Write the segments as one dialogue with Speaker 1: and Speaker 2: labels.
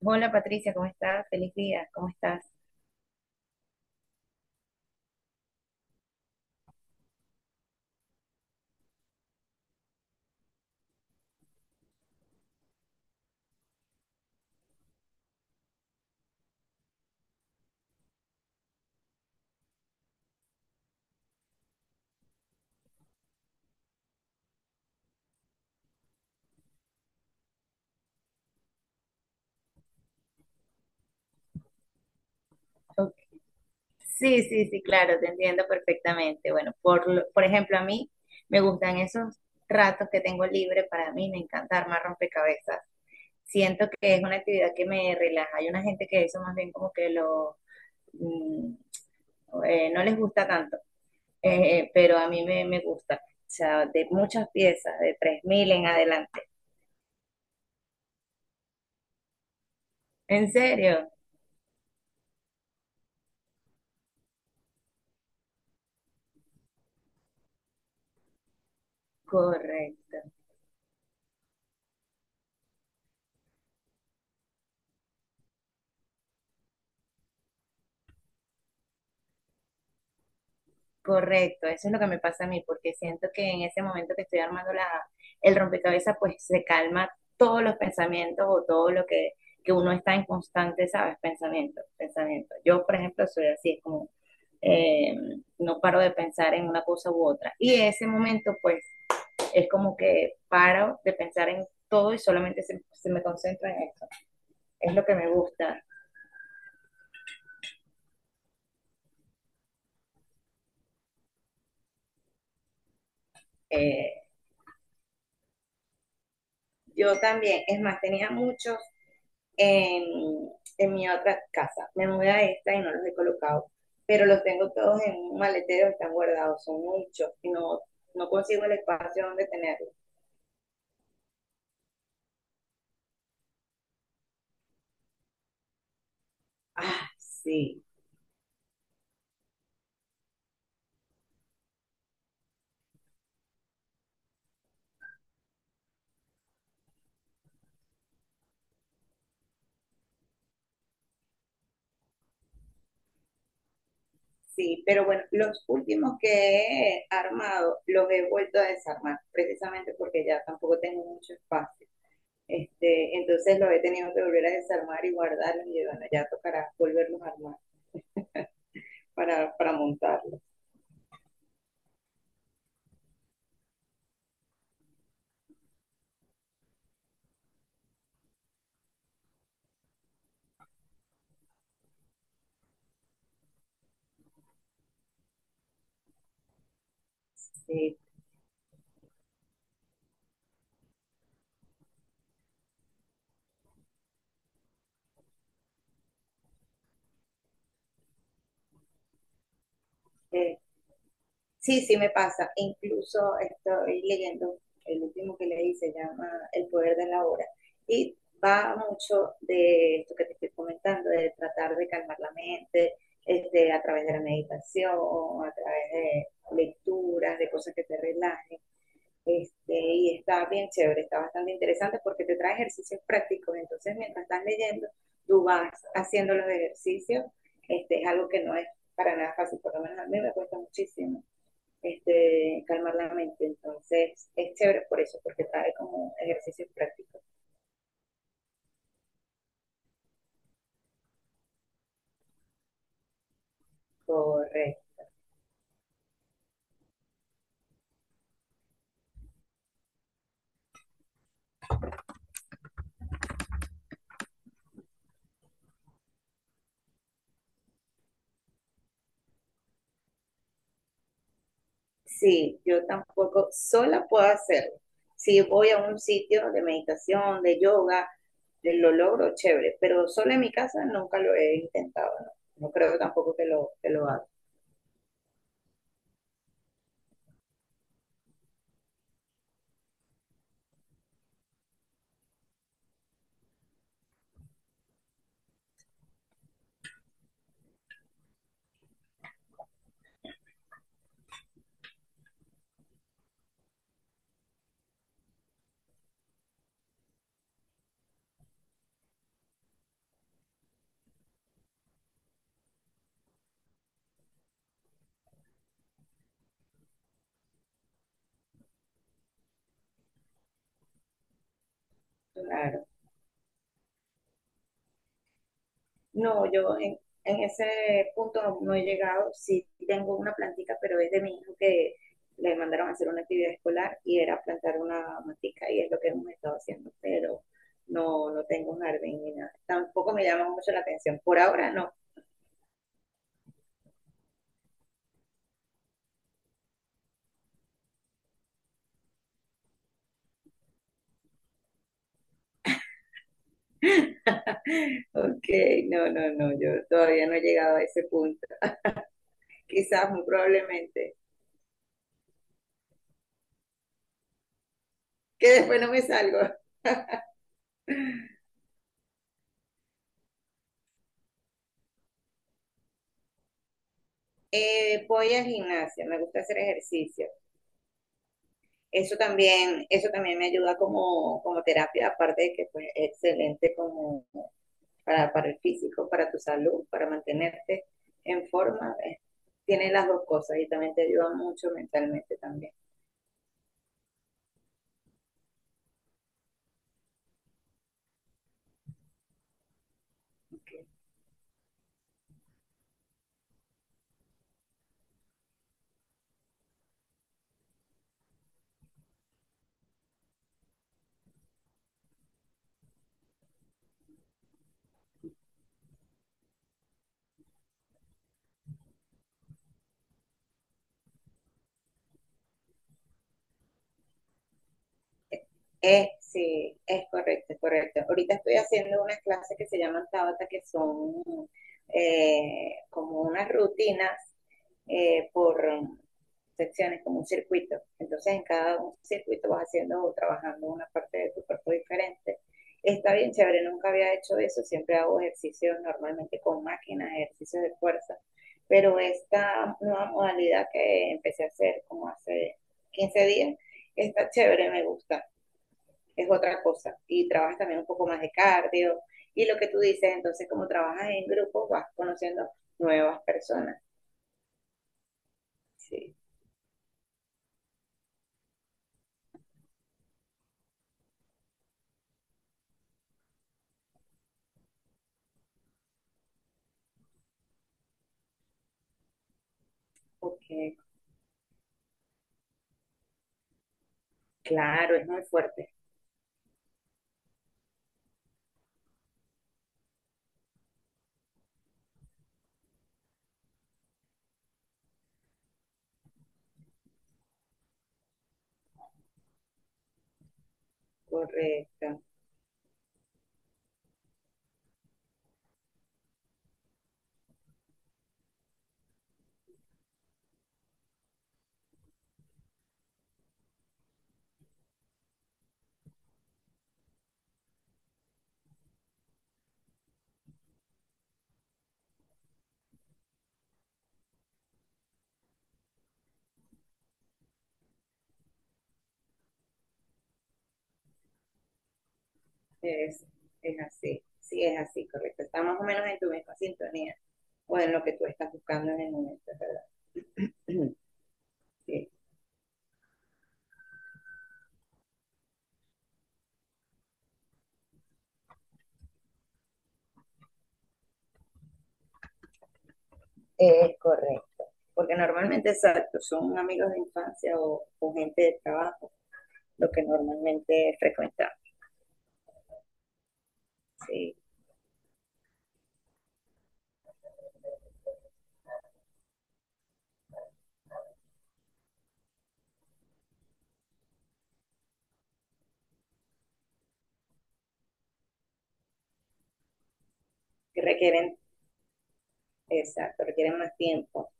Speaker 1: Hola Patricia, ¿cómo estás? Feliz día, ¿cómo estás? Ok. Sí, sí, sí, claro, te entiendo perfectamente. Por ejemplo, a mí me gustan esos ratos que tengo libre para mí, me encanta armar rompecabezas. Siento que es una actividad que me relaja. Hay una gente que eso más bien como que mm, no les gusta tanto. Pero a mí me gusta, o sea, de muchas piezas, de 3000 en adelante. ¿En serio? Correcto. Correcto, eso es lo que me pasa a mí, porque siento que en ese momento que estoy armando el rompecabezas, pues se calma todos los pensamientos o todo que uno está en constante, ¿sabes? Pensamiento, pensamiento. Yo, por ejemplo, soy así, es como, eh, no paro de pensar en una cosa u otra. Y ese momento, pues, es como que paro de pensar en todo y solamente se me concentro en eso. Es lo que me gusta. Eh, yo también, es más, tenía muchos en, en mi otra casa. Me mudé a esta y no los he colocado, pero los tengo todos en un maletero, están guardados, son muchos y no, no consigo el espacio donde tenerlos. Ah, sí, sí, pero bueno, los últimos que he armado los he vuelto a desarmar, precisamente porque ya tampoco tengo mucho espacio. Este, entonces los he tenido que volver a desarmar y guardarlos y bueno, ya tocará volverlos a armar para montarlos. Sí, eh, sí, sí me pasa. Incluso estoy leyendo el último que leí, se llama El poder de la hora. Y va mucho de esto que te estoy comentando, de tratar de calmar la mente, este, a través de la meditación, a través de lecturas, de cosas que te relajen. Este, y está bien chévere, está bastante interesante porque te trae ejercicios prácticos. Entonces, mientras estás leyendo, tú vas haciendo los ejercicios. Este, es algo que no es para nada fácil, por lo menos a mí me cuesta muchísimo este, calmar la mente. Entonces, es chévere por eso, porque trae como ejercicios prácticos. Correcto. Sí, yo tampoco sola puedo hacerlo. Si voy a un sitio de meditación, de yoga, lo logro chévere, pero sola en mi casa nunca lo he intentado, no, no creo tampoco que que lo haga. Claro. No, yo en ese punto no, no he llegado. Sí tengo una plantica, pero es de mi hijo que le mandaron a hacer una actividad escolar y era plantar una matica y es lo que hemos estado haciendo, pero no, no tengo un jardín ni nada. Tampoco me llama mucho la atención. Por ahora no. Ok, no, no, no, yo todavía no he llegado a ese punto. Quizás, muy probablemente, que después no me salgo. Voy al gimnasio, me gusta hacer ejercicio. Eso también me ayuda como, como terapia, aparte de que pues, es excelente como para el físico, para tu salud, para mantenerte en forma. Tiene las dos cosas y también te ayuda mucho mentalmente también. Ok. Sí, es correcto, es correcto. Ahorita estoy haciendo unas clases que se llaman Tabata, que son como unas rutinas por secciones, como un circuito. Entonces, en cada un circuito vas haciendo o trabajando una parte de tu cuerpo diferente. Está bien chévere, nunca había hecho eso, siempre hago ejercicios normalmente con máquinas, ejercicios de fuerza, pero esta nueva modalidad que empecé a hacer como hace 15 días, está chévere, me gusta es otra cosa. Y trabajas también un poco más de cardio. Y lo que tú dices, entonces como trabajas en grupo vas conociendo nuevas personas. Sí, porque claro, es muy fuerte. Correcto, es, es así. Sí, es así, correcto. Está más o menos en tu misma sintonía o en lo que tú estás buscando en el momento, ¿verdad? Sí, es correcto. Porque normalmente, exacto, son amigos de infancia o gente de trabajo, lo que normalmente frecuentamos. Sí, que requieren, exacto, requieren más tiempo.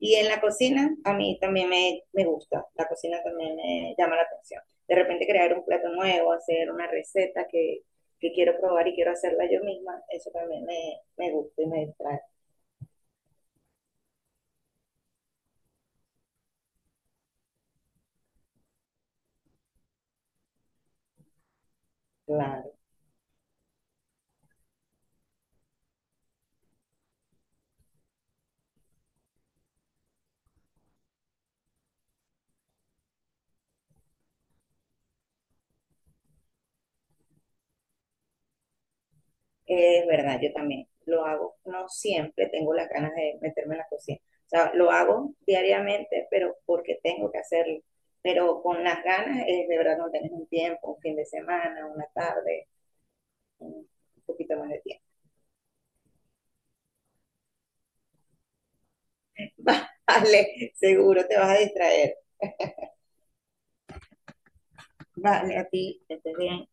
Speaker 1: Y en la cocina, a mí también me gusta, la cocina también me llama la atención. De repente crear un plato nuevo, hacer una receta que quiero probar y quiero hacerla yo misma, eso también me gusta y me distrae. Claro, es verdad, yo también lo hago. No siempre tengo las ganas de meterme en la cocina. O sea, lo hago diariamente, pero porque tengo que hacerlo. Pero con las ganas, es de verdad no tenés un tiempo, un fin de semana, una tarde, un poquito más de tiempo. Vale, seguro te vas a distraer. Vale, a ti, que estés bien.